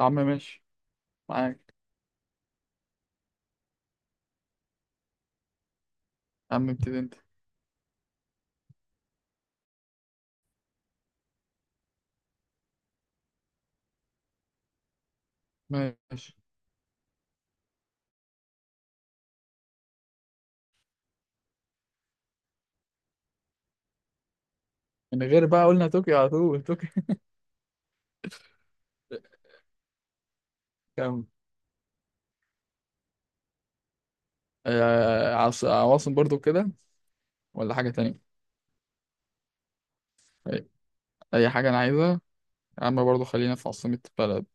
يا عم ماشي. معاك. يا عم ابتدي انت. ماشي. من غير بقى، قلنا طوكيو، على طول طوكيو. كم؟ عواصم برضو كده؟ ولا حاجة تانية. أي أي حاجة أنا عايزها. يا عم برضو خلينا في عاصمة بلد.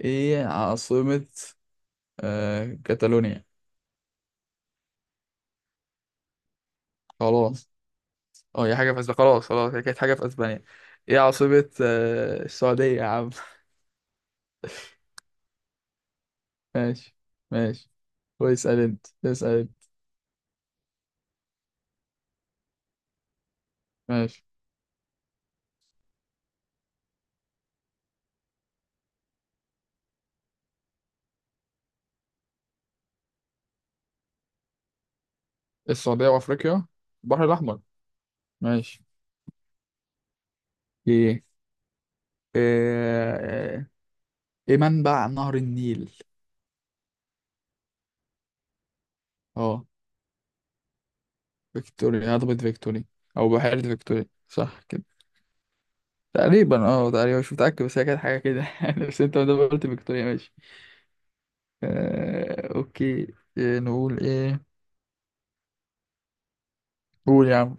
إيه عاصمة كاتالونيا؟ خلاص. أه، هي حاجة في أسبانيا، خلاص خلاص، هي كانت حاجة في أسبانيا. إيه عاصمة السعودية يا عم؟ ماشي. ماشي. واسأل أنت اسأل أنت. ماشي. السعودية وأفريقيا. البحر الأحمر. ماشي. ايه. آه، منبع نهر النيل؟ اه فيكتوريا، هضبة فيكتوريا او بحيرة فيكتوريا، صح كده؟ تقريبا، تقريبا مش متأكد، بس هي كانت حاجة كده يعني. بس انت ما دام قلت فيكتوريا، ماشي. اوكي، إيه نقول ايه؟ قول يا عم.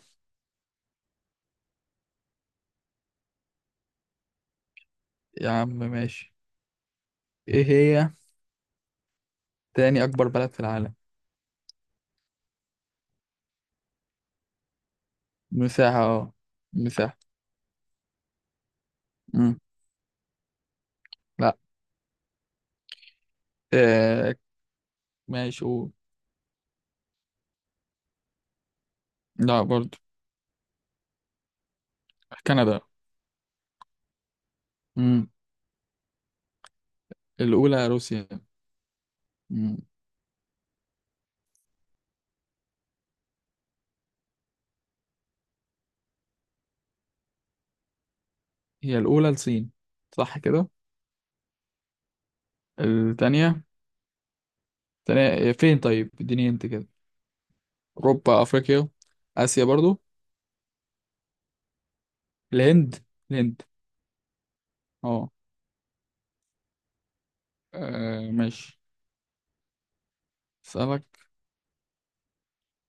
يا عم ماشي. ايه هي تاني اكبر بلد في العالم؟ مساحة. اه مساحة. مم. لا. آه، ماشي، قول. لا برضو. كندا. مم. الأولى روسيا. مم. هي الأولى الصين، صح كده؟ التانية التانية إيه، فين؟ طيب اديني انت كده. أوروبا؟ أفريقيا؟ آسيا برضو. الهند. الهند. اه. ماشي. أسألك.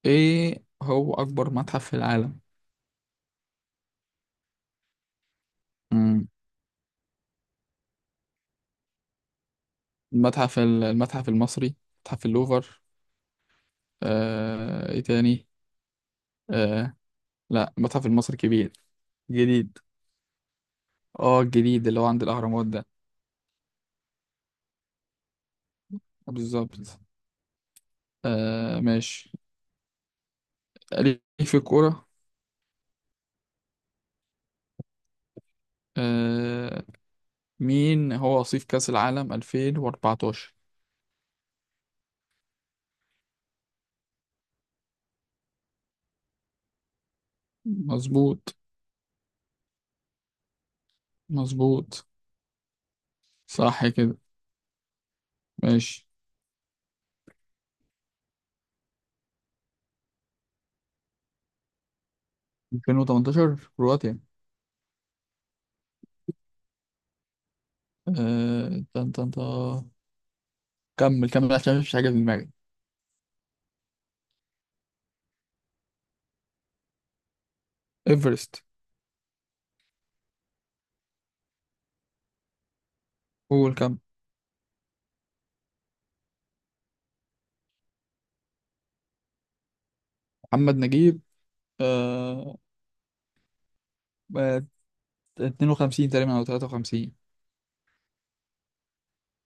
ايه هو أكبر متحف في العالم؟ مم. المتحف المصري؟ متحف اللوفر؟ ايه تاني؟ آه، لا، المتحف المصري كبير، جديد. اه، الجديد اللي هو عند الأهرامات ده. بالظبط. ماشي. ليه في الكورة. آه. مين هو وصيف كأس العالم 2014؟ مظبوط مظبوط، صح كده. ماشي. 2018 كرواتيا. آه... تن تن تن. كمل كمل عشان مفيش حاجة في دماغي. ايفرست. قول، كمل. محمد نجيب. آه... آه، 52 تقريبا او 53.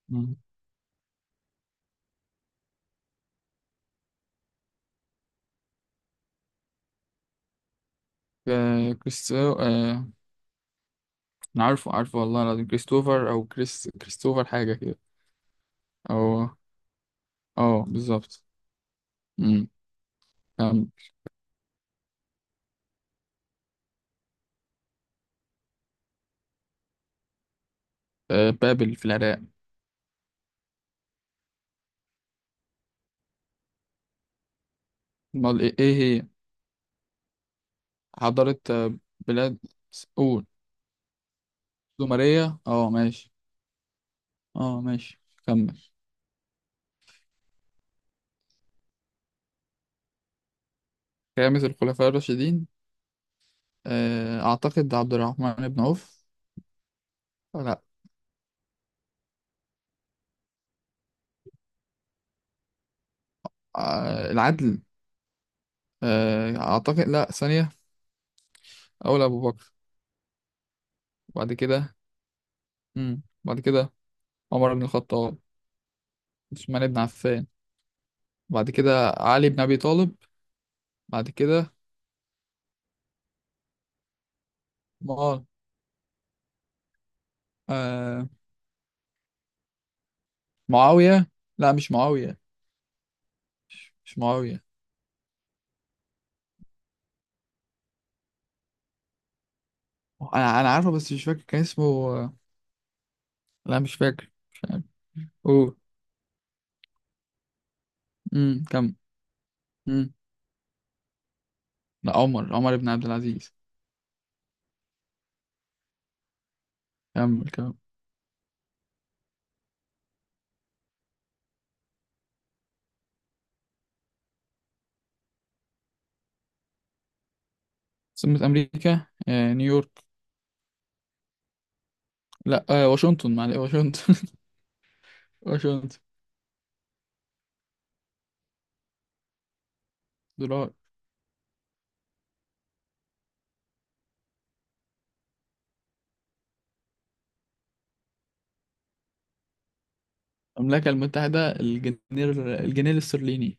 مم. كريستو، انا عارفه، عارفه والله العظيم، كريستوفر او كريستوفر حاجة كده. او، اه بالظبط. مم. كمل. بابل في العراق. امال إيه هي؟ حضارة. بلاد. قول. زمرية، اه ماشي. اه ماشي. كمل. خامس الخلفاء الراشدين. أعتقد عبد الرحمن بن عوف. لا. العدل. أعتقد لا، ثانية. أول أبو بكر. بعد كده. مم. بعد كده عمر بن الخطاب. عثمان بن عفان. بعد كده علي بن أبي طالب. بعد كده. مع... آه، معاوية. لا، مش معاوية. مش معاوية. أنا عارفه بس مش فاكر كان اسمه، لا مش فاكر، مش عارف. أوه. مم. كمل. لا، عمر بن عبد العزيز. كمل كمل. سمت أمريكا، نيويورك. لا، واشنطن، معلش واشنطن. واشنطن. دولار. المملكة المتحدة، الجنيه. الجنيه الاسترليني.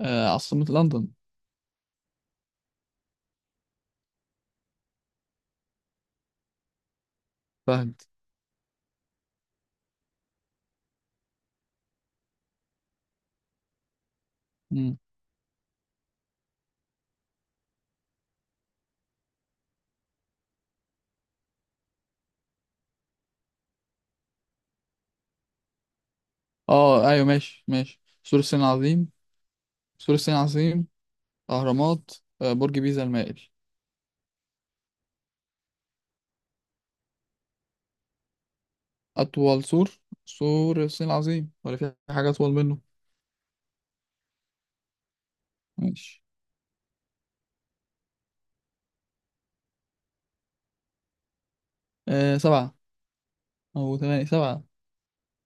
عاصمة لندن. فهد. مم. اه ايوه ماشي، ماشي. سور الصين العظيم. سور الصين العظيم. أهرامات. برج بيزا المائل. أطول سور. سور الصين العظيم، ولا في حاجة أطول منه؟ ماشي. سبعة. أو ثمانية. سبعة.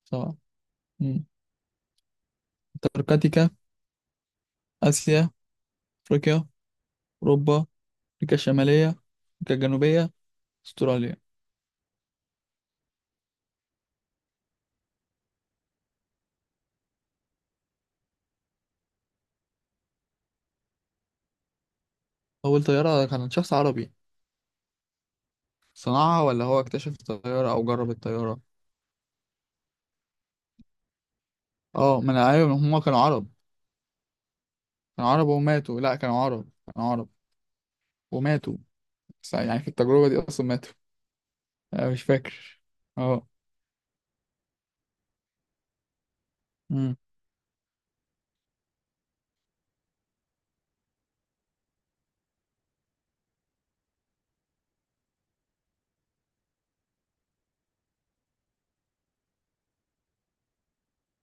سبعة. مم. أنتاركتيكا. آسيا. أفريقيا. أوروبا. أمريكا الشمالية، أمريكا الجنوبية. أستراليا. أول طيارة كانت شخص عربي؟ صنعها، ولا هو اكتشف الطيارة أو جرب الطيارة؟ اه، ما أنا أيوة هما كانوا عرب. كانوا عرب وماتوا. لأ، كانوا عرب. كانوا عرب وماتوا. بس يعني في التجربة دي أصلا ماتوا. أنا مش فاكر. اه. امم.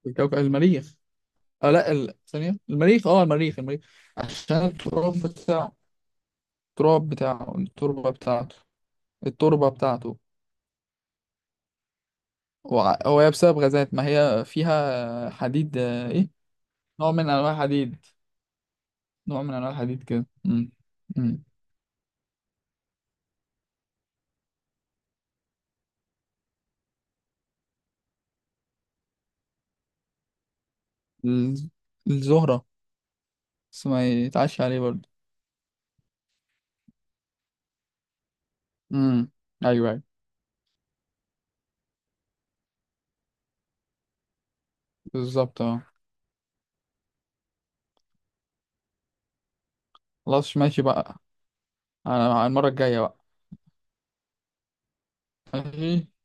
الكوكب المريخ. اه لأ، ثانية، المريخ، المريخ، المريخ. عشان التراب بتاعه. التراب بتاعه، التربة بتاعته. التربة بتاعته. هو هي بسبب غازات، ما هي فيها حديد، ايه؟ نوع من انواع الحديد. نوع من انواع الحديد كده. امم. امم. الز- الزهرة. بس ما يتعش عليه برضه. امم. ايوه، ايوه. بالظبط. اه. خلاص ماشي بقى. على المرة الجاية بقى. ماشي.